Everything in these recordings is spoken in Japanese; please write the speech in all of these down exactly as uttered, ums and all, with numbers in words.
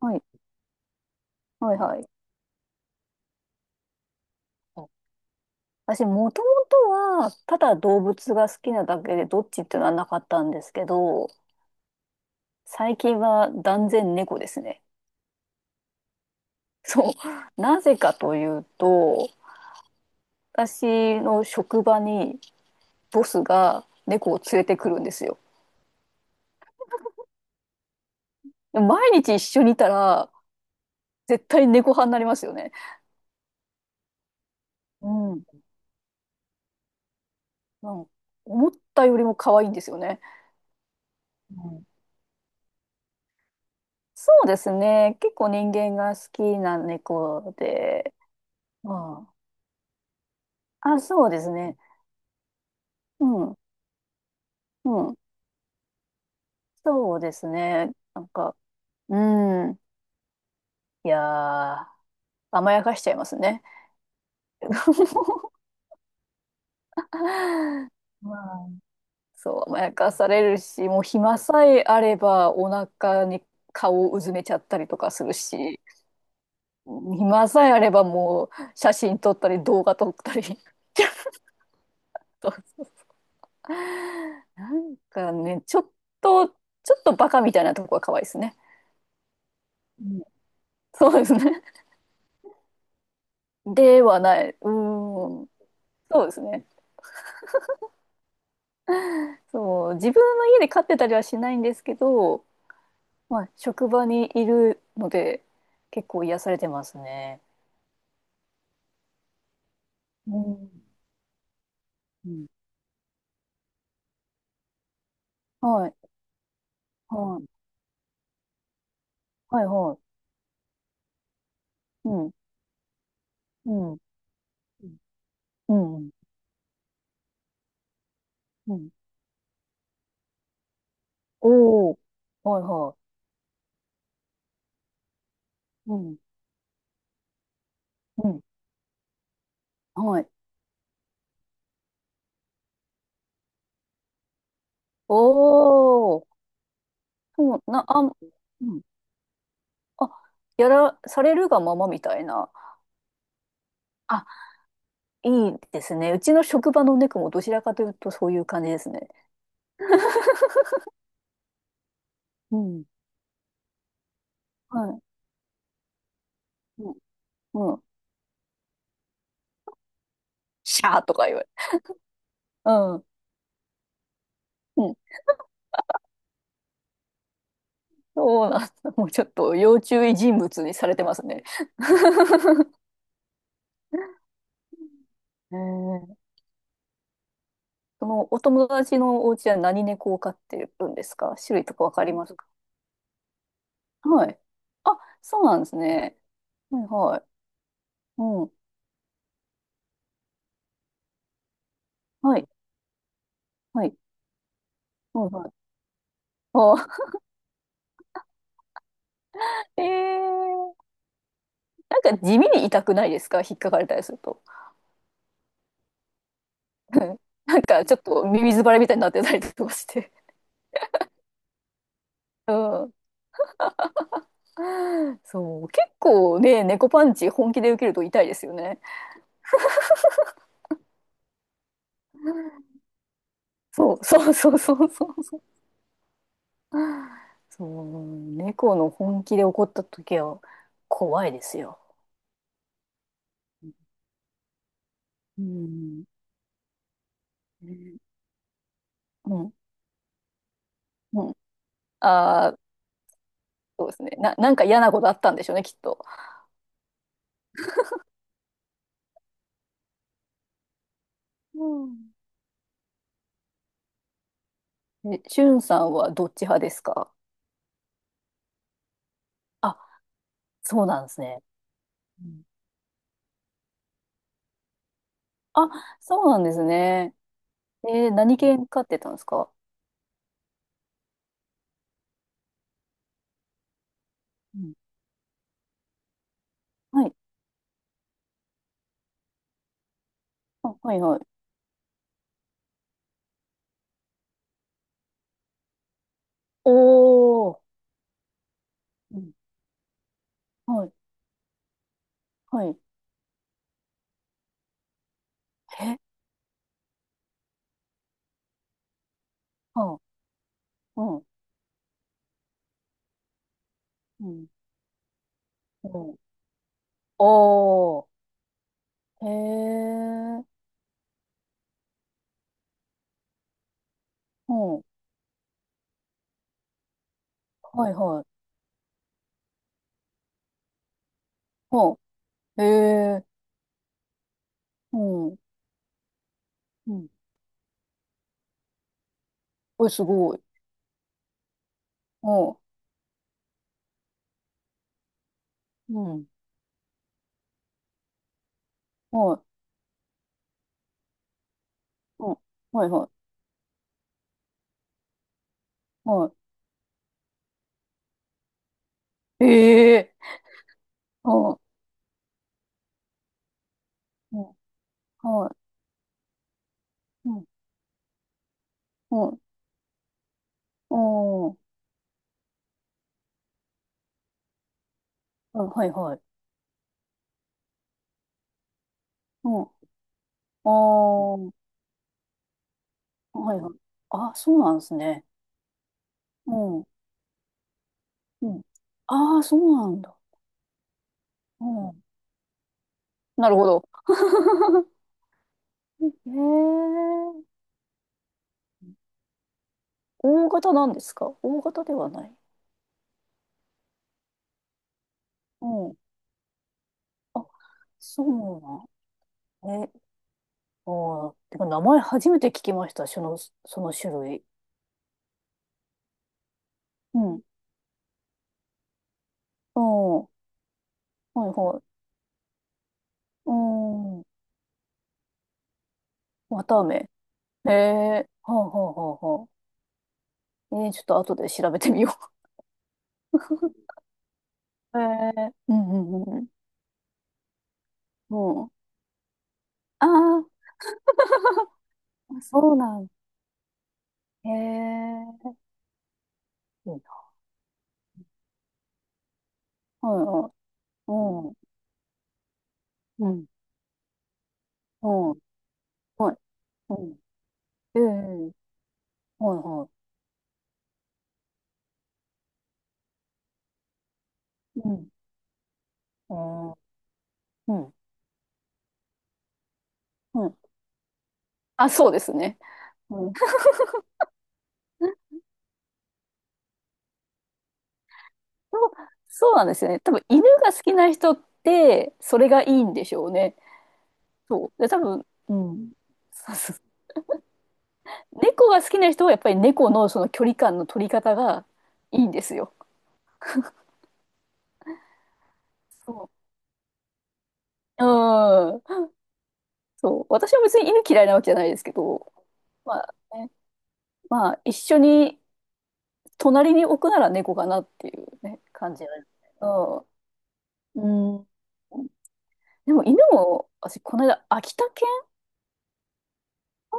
はい。はいはい。あ私、もともとは、ただ動物が好きなだけで、どっちっていうのはなかったんですけど、最近は断然猫ですね。そう。なぜかというと、私の職場にボスが猫を連れてくるんですよ。でも毎日一緒にいたら、絶対猫派になりますよね。うん。なんか思ったよりも可愛いんですよね。うん。そうですね。結構人間が好きな猫で、まあ、あ、そうですね。うん、うん、そうですね。なんか、うん、いやー、甘やかしちゃいますね。まあ、そう、甘やかされるし、もう暇さえあれば、お腹に顔をうずめちゃったりとかするし、暇さえあれば、もう写真撮ったり、動画撮ったり、ちょっと、なんかね、ちょっと、ちょっとバカみたいなとこが可愛いですね。うん。そうですね。ではない。うん。そうですね。そう、自分の家で飼ってたりはしないんですけど、まあ、職場にいるので、結構癒されてますね。うん。うん。はい。う、はい。ん、はいはい。うんうんうんうん、おお、はい、はい。うん。うん。はい。おお。そう、な、あ、うん。あ、やらされるがままみたいな。あ、いいですね。うちの職場の猫もどちらかというとそういう感じですね。うん。はい。うん。シャーとか言われ。うん。うん。そうなんだ。もうちょっと要注意人物にされてますね。へえ。そのお友達のお家は何猫を飼ってるんですか？種類とかわかりますか？はい。あ、そうなんですね。はいはい。うん。はい。はい。はいはい。あ、えー、なんか地味に痛くないですか？引っかかれたりすると。うん。なんかちょっと耳ズばれみたいになってたりとかして。うん。そう、結構ね、猫パンチ本気で受けると痛いですよね。そう、そうそうそうそうそう。そう、猫の本気で怒った時は怖いですよ。うん。うん。うん。ああ、そうですね。な、なんか嫌なことあったんでしょうね、きっと。うん。え、しゅんさんはどっち派ですか？あ、そうなんですね。うん。あ、そうなんですね。えー、何犬飼ってたんですか？うん、はい。あ、はいはい。おー。はい、はい。え、はあ、うん、うん、うん。おー、へえ、うん、はい、はい、うん、へえ、うん、うん。おい、すごい。うん、うん、はい、うん、はい、はい、はい。へえ、うん、うん、はい、うん、うん、うん、うん、はい、はい、うん、あー、はい、はいはいはい、へえ、うんうん、はい、うんうん、お、うん、はいはい、うん。あ、そうなんですね。うん、うん。ああ、そうなんだ。うん、なるほど。へえ。大型なんですか？大型ではない。うん。あ、そうなん。え、あー、てか名前初めて聞きました。その、その種類。うん。うん。はいはい。うん。綿あめ。へえ。はあはあはあはあ。えー、ちょっと後で調べてみよう。へえ。うんうんうんうん。うん。ああ、そうなん。へえ。いいな。はいはい。うん。うん。うん。はい。うん。ええ。はいはい。うん。あー、うん。うん。あ、そうですね。うん。そう、そうなんですよね。多分、犬が好きな人って、それがいいんでしょうね。そう。で、多分、うん。そうそう。猫が好きな人は、やっぱり猫のその距離感の取り方がいいんですよ。そう。うん。そう。私は別に犬嫌いなわけじゃないですけど、まあね、まあ、一緒に隣に置くなら猫かなっていうね、感じなんですね。うん。うん。でも犬も、私、この間、秋田犬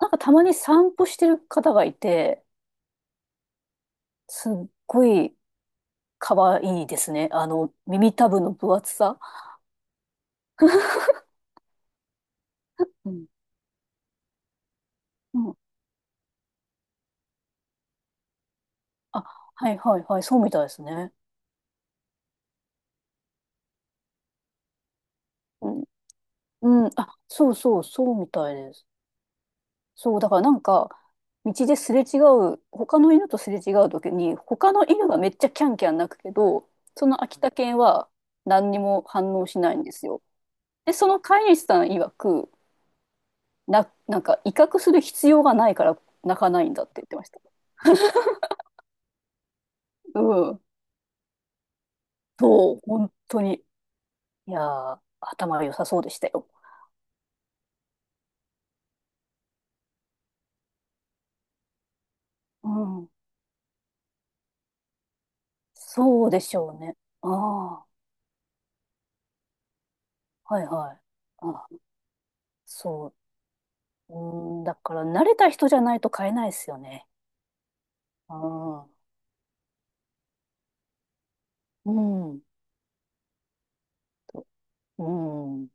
なんかたまに散歩してる方がいて、すっごい可愛いですね。あの、耳たぶの分厚さ。うん。うん。あ、はいはいはい、そうみたいですね。うん。うん。あ、そうそう、そうみたいです。そう、だからなんか、道ですれ違う、他の犬とすれ違う時に、他の犬がめっちゃキャンキャン鳴くけど、その秋田犬は何にも反応しないんですよ。で、その飼い主さん曰く、な、なんか威嚇する必要がないから泣かないんだって言ってました。うん。そう、本当に。いやー、頭良さそうでしたよ。うん。そうでしょうね。ああ、はいはい。あ、そう。うん、だから慣れた人じゃないと買えないですよね。ああ、うん。と、うん。